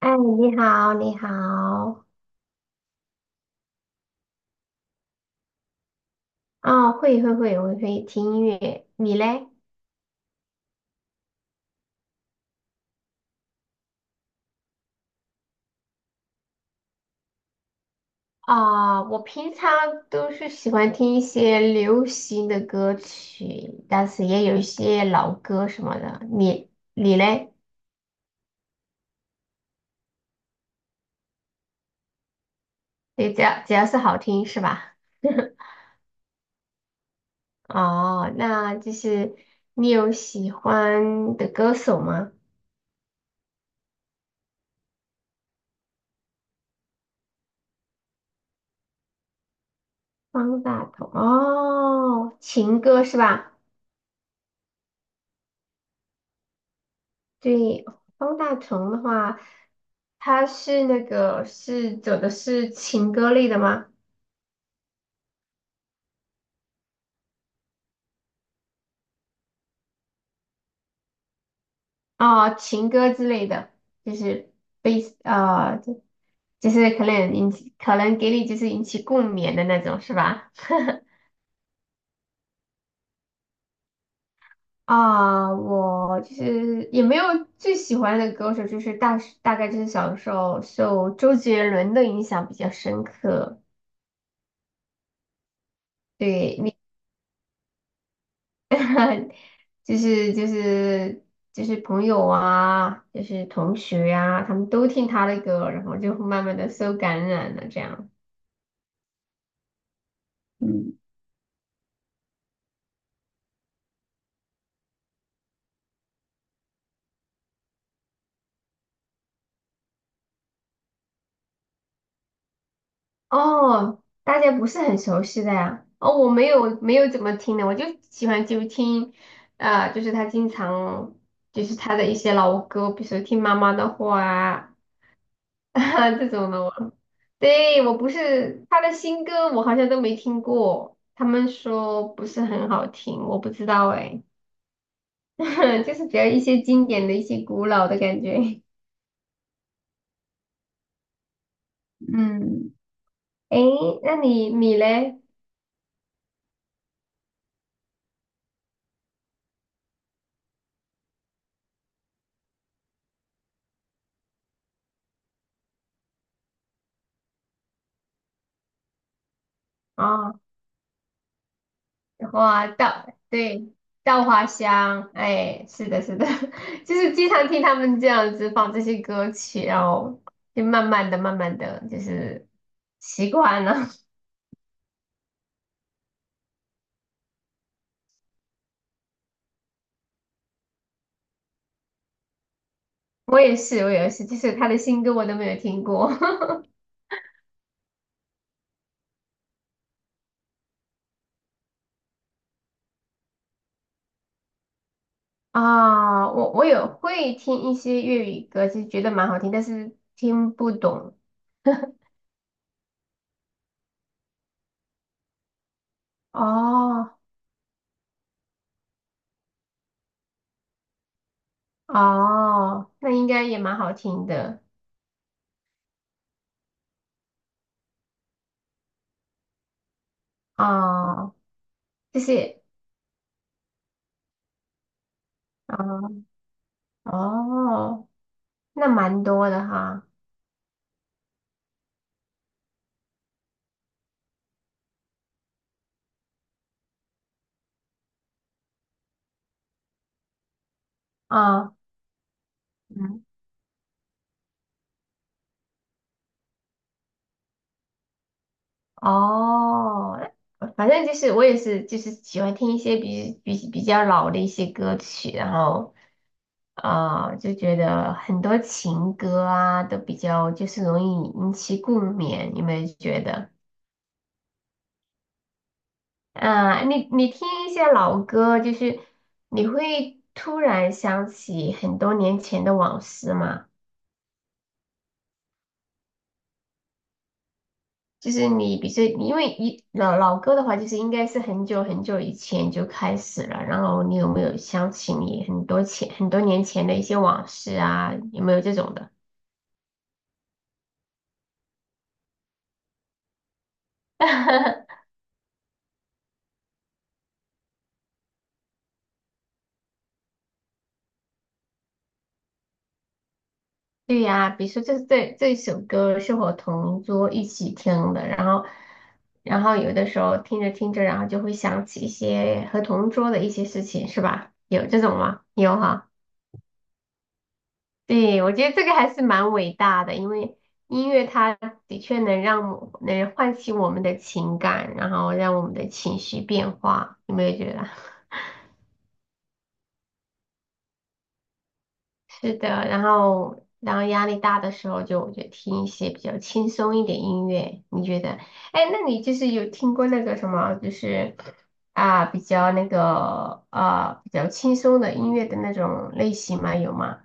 哎，你好，你好。哦，会，我会听音乐，你嘞？我平常都是喜欢听一些流行的歌曲，但是也有一些老歌什么的。你嘞你只要是好听是吧？哦，那就是你有喜欢的歌手吗？方大同，哦，情歌是吧？对，方大同的话，他是那个是走的是情歌类的吗？哦，情歌之类的，就是悲啊，就是可能引起，可能给你就是引起共鸣的那种，是吧？我就是也没有最喜欢的歌手，就是大概就是小的时候受周杰伦的影响比较深刻。对，就是就是就是朋友啊，就是同学呀、他们都听他的歌，然后就慢慢的受感染了这样。嗯，哦，大家不是很熟悉的呀。哦，我没有怎么听的，我就喜欢就听，啊，就是他经常就是他的一些老歌，比如说听妈妈的话啊 这种的我。对，我不是他的新歌，我好像都没听过。他们说不是很好听，我不知道哎。就是比较一些经典的一些古老的感觉。嗯，诶，那你嘞？哦，花稻，对，稻花香，哎，是的，是的，就是经常听他们这样子放这些歌曲，然后就慢慢的就是习惯了。我也是，我也是，就是他的新歌我都没有听过 啊。我有会听一些粤语歌，其实觉得蛮好听，但是听不懂。哦，哦，那应该也蛮好听的。哦，就是啊哦，那蛮多的哈。啊嗯哦，反正就是我也是就是喜欢听一些比较老的一些歌曲，然后啊、就觉得很多情歌啊都比较就是容易引起共鸣，你有没有觉得？嗯，你你听一些老歌，就是你会突然想起很多年前的往事嘛？就是你，比如说，因为一老歌的话，就是应该是很久很久以前就开始了。然后你有没有想起你很多前很多年前的一些往事啊？有没有这种的？对呀，比如说这首歌是我同桌一起听的，然后然后有的时候听着听着，然后就会想起一些和同桌的一些事情，是吧？有这种吗？有哈。对，我觉得这个还是蛮伟大的，因为音乐它的确能让我能唤起我们的情感，然后让我们的情绪变化，有没有觉得？是的，然后然后压力大的时候就听一些比较轻松一点音乐，你觉得？哎，那你就是有听过那个什么，就是啊比较那个啊比较轻松的音乐的那种类型吗？有吗？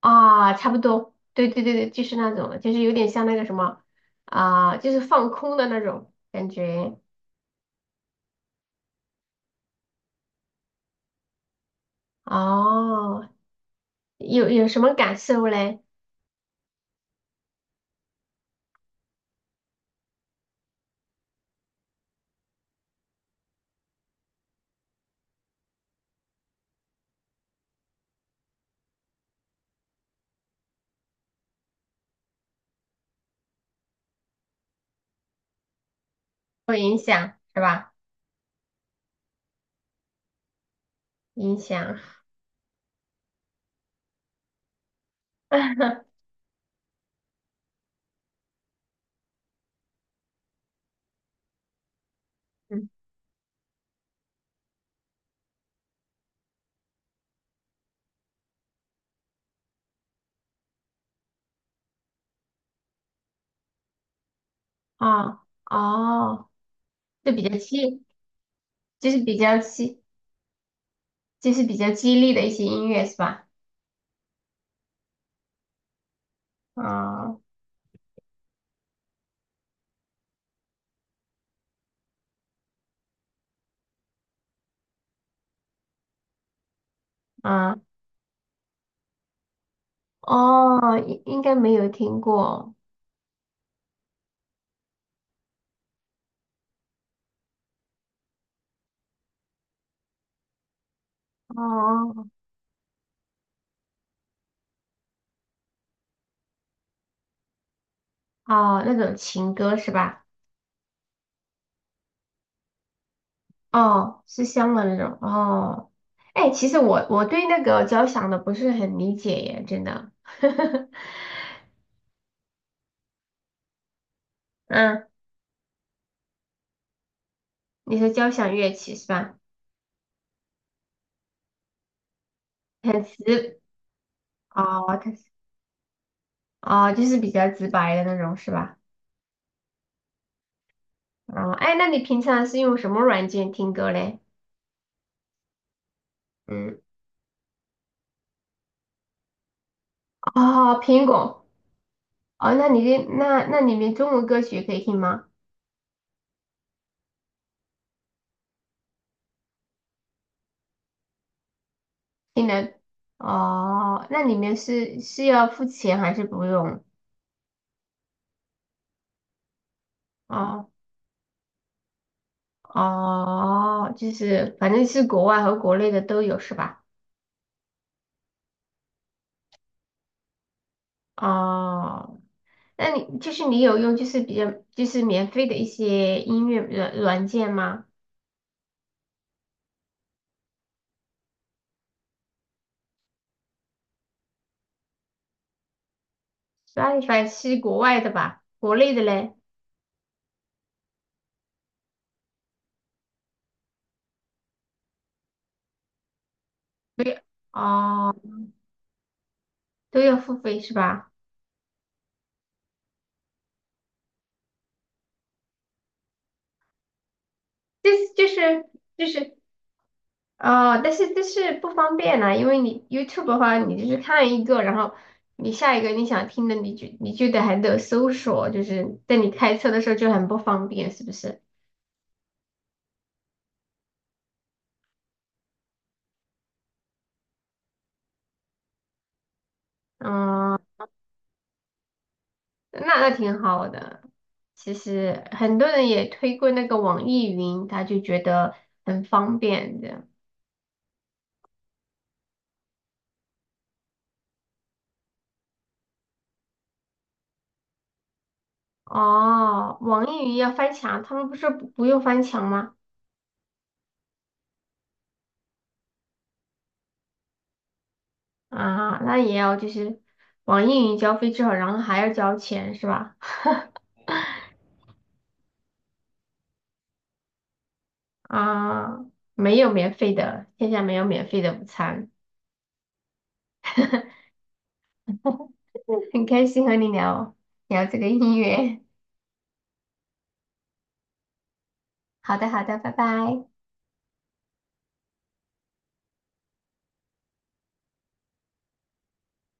啊，差不多，对对对对，就是那种，就是有点像那个什么啊，就是放空的那种感觉。哦，有什么感受嘞？会影响是吧？影响。啊哦，就比较激，就是比较激，就是比较激励的一些音乐是吧？啊啊哦，应该没有听过。哦哦，那种情歌是吧？哦，是香的那种哦。哎，其实我对那个交响的不是很理解耶，真的。嗯，你说交响乐器是吧？很直哦，它是哦，就是比较直白的那种是吧？哦，哎，那你平常是用什么软件听歌嘞？嗯，哦，苹果。哦，那你的那那里面中文歌曲可以听吗？听的。哦，那里面是是要付钱还是不用？哦哦，就是反正是国外和国内的都有是吧？哦，那你就是你有用就是比较就是免费的一些音乐软件吗？Spotify 是国外的吧？国内的嘞？对，哦，都要付费是吧？就是就是。哦，但是不方便呐、因为你 YouTube 的话，你就是看一个，然后你下一个你想听的，你就得还得搜索，就是在你开车的时候就很不方便，是不是？嗯，那那挺好的。其实很多人也推过那个网易云，他就觉得很方便的。哦，网易云要翻墙，他们不是不用翻墙吗？啊，那也要就是网易云交费之后，然后还要交钱是吧？啊，没有免费的，天下没有免费的午餐。嗯，很开心和你聊这个音乐。好的，好的，拜拜。